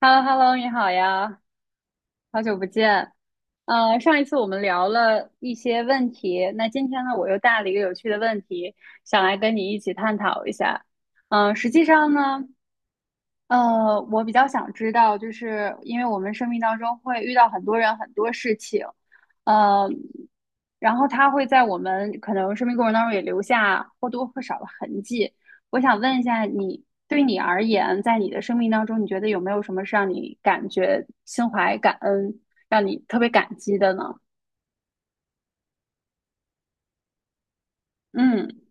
h e l l o h e l l o 你好呀，好久不见。上一次我们聊了一些问题，那今天呢，我又带了一个有趣的问题，想来跟你一起探讨一下。实际上呢，我比较想知道，就是因为我们生命当中会遇到很多人、很多事情，呃，然后他会在我们可能生命过程当中也留下或多或少的痕迹。我想问一下你，对你而言，在你的生命当中，你觉得有没有什么是让你感觉心怀感恩，让你特别感激的呢？嗯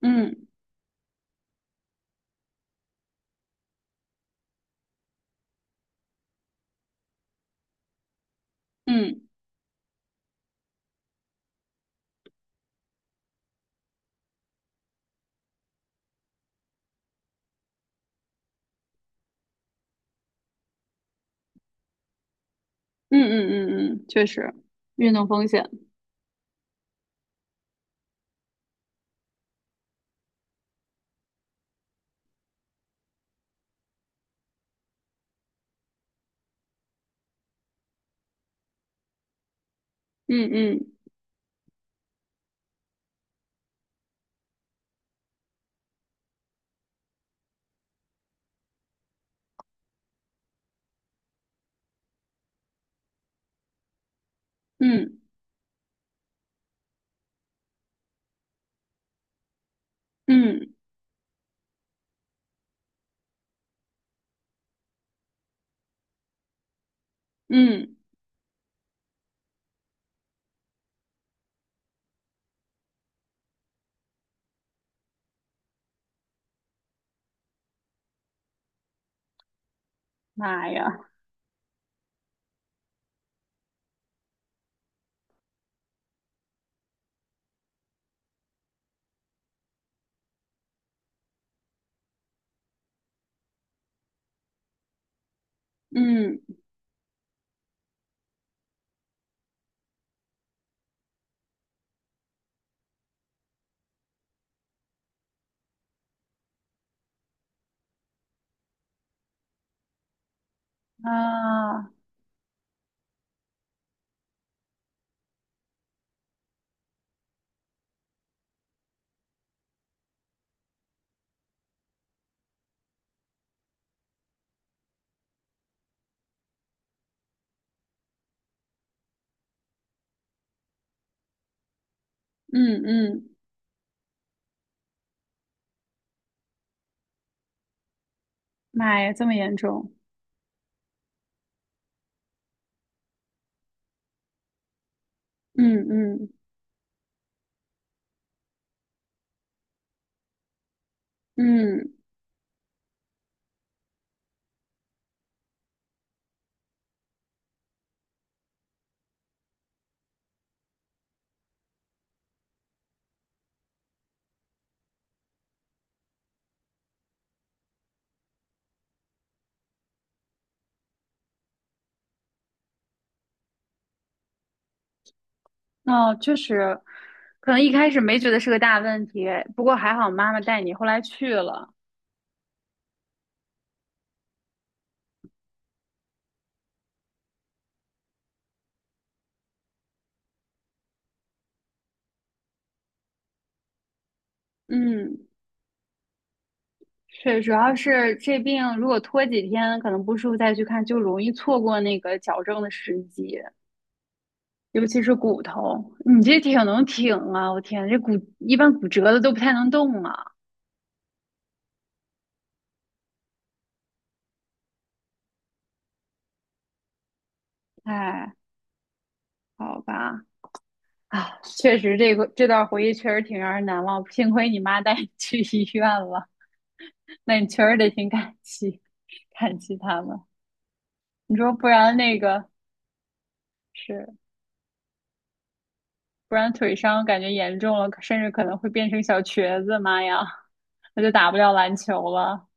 嗯嗯嗯嗯嗯嗯，确实，运动风险，嗯嗯嗯嗯嗯，妈呀！嗯啊，嗯嗯，妈呀，这么严重？嗯嗯嗯，哦，确实，可能一开始没觉得是个大问题，不过还好妈妈带你后来去了。嗯，是，主要是这病如果拖几天，可能不舒服再去看，就容易错过那个矫正的时机，尤其是骨头。你这挺能挺啊，我天，这骨一般骨折的都不太能动啊。哎，好吧。啊，确实，这个这段回忆确实挺让人难忘。幸亏你妈带你去医院了，那你确实得挺感激，感激他们。你说不然那个是，不然腿伤感觉严重了，甚至可能会变成小瘸子，妈呀，那就打不了篮球了。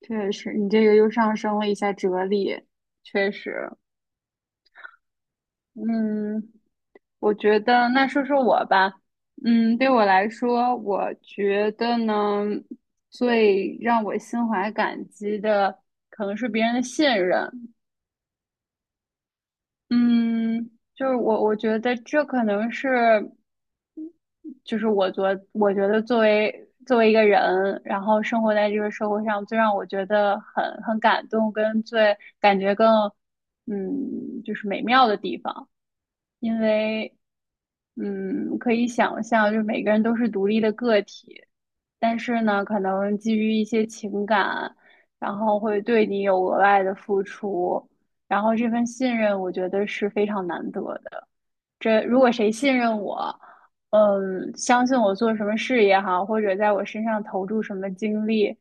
确实，你这个又上升了一下哲理。确实，嗯，我觉得，那说说我吧。嗯，对我来说，我觉得呢，最让我心怀感激的，可能是别人的信任。嗯，我觉得这可能是。就是我觉我觉得作为一个人，然后生活在这个社会上，最让我觉得很感动，跟最感觉更就是美妙的地方，因为可以想象，就是每个人都是独立的个体，但是呢，可能基于一些情感，然后会对你有额外的付出，然后这份信任，我觉得是非常难得的。这如果谁信任我，嗯，相信我做什么事也好，或者在我身上投注什么精力，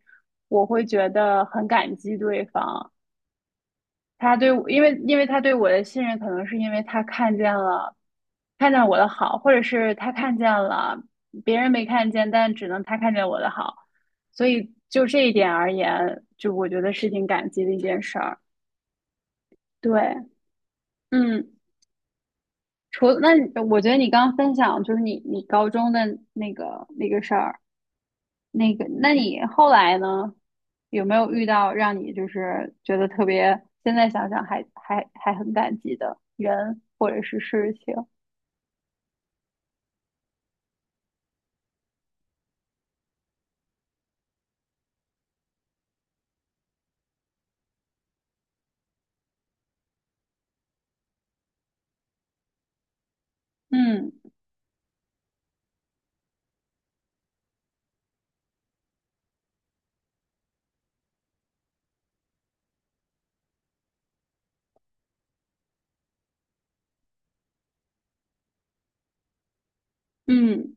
我会觉得很感激对方。他对我，因为他对我的信任，可能是因为他看见了，看见我的好，或者是他看见了别人没看见，但只能他看见我的好。所以就这一点而言，就我觉得是挺感激的一件事儿。对，嗯。除那我觉得你刚刚分享就是你高中的那个事儿，那个那你后来呢，有没有遇到让你就是觉得特别，现在想想还很感激的人或者是事情？嗯嗯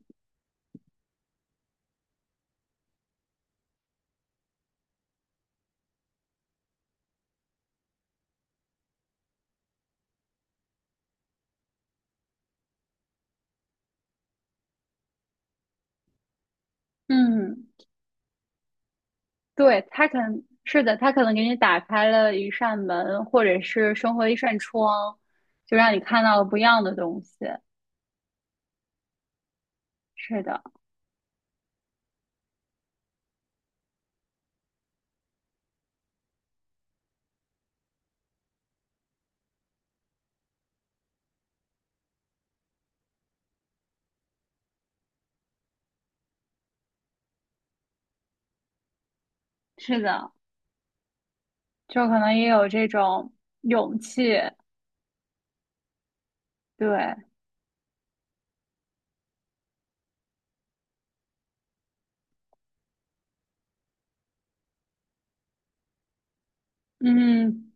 嗯，对，他可能是的，他可能给你打开了一扇门，或者是生活的一扇窗，就让你看到了不一样的东西。是的，是的，就可能也有这种勇气。对，嗯，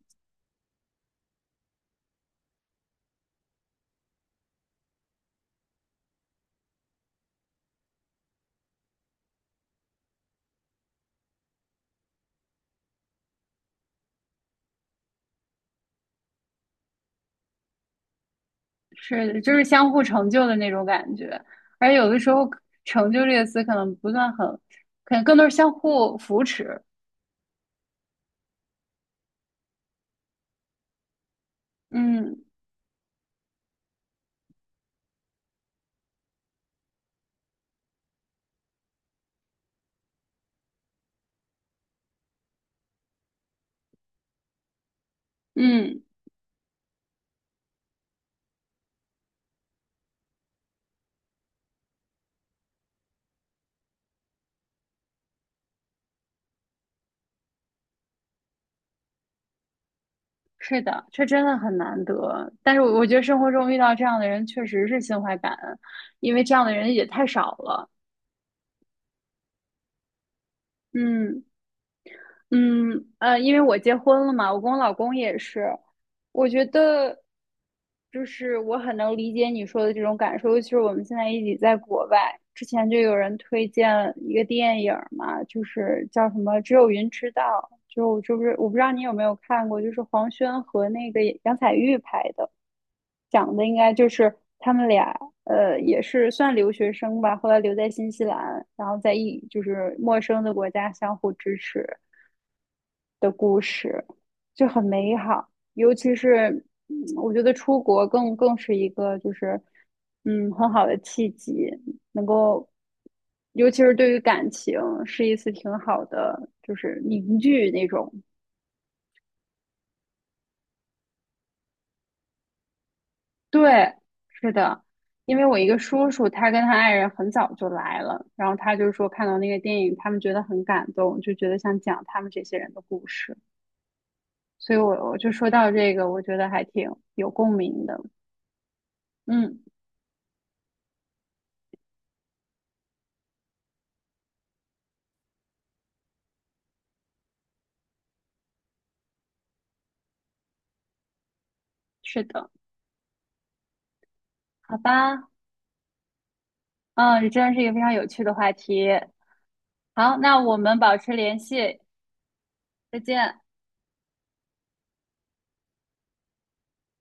是的，就是相互成就的那种感觉。而有的时候，成就这个词可能不算很，可能更多是相互扶持。嗯嗯，是的，这真的很难得。但是我觉得生活中遇到这样的人，确实是心怀感恩，因为这样的人也太少了。嗯。因为我结婚了嘛，我跟我老公也是，我觉得就是我很能理解你说的这种感受，尤其是我们现在一起在国外，之前就有人推荐一个电影儿嘛，就是叫什么《只有云知道》，就是我不知道你有没有看过，就是黄轩和那个杨采钰拍的，讲的应该就是他们俩，呃，也是算留学生吧，后来留在新西兰，然后在一就是陌生的国家相互支持。就很美好。尤其是，我觉得出国更是一个就是，嗯，很好的契机，能够，尤其是对于感情，是一次挺好的，就是凝聚那种。对，是的，因为我一个叔叔，他跟他爱人很早就来了，然后他就说看到那个电影，他们觉得很感动，就觉得想讲他们这些人的故事。所以我就说到这个，我觉得还挺有共鸣的。嗯，是的，好吧。嗯，这真是一个非常有趣的话题。好，那我们保持联系，再见。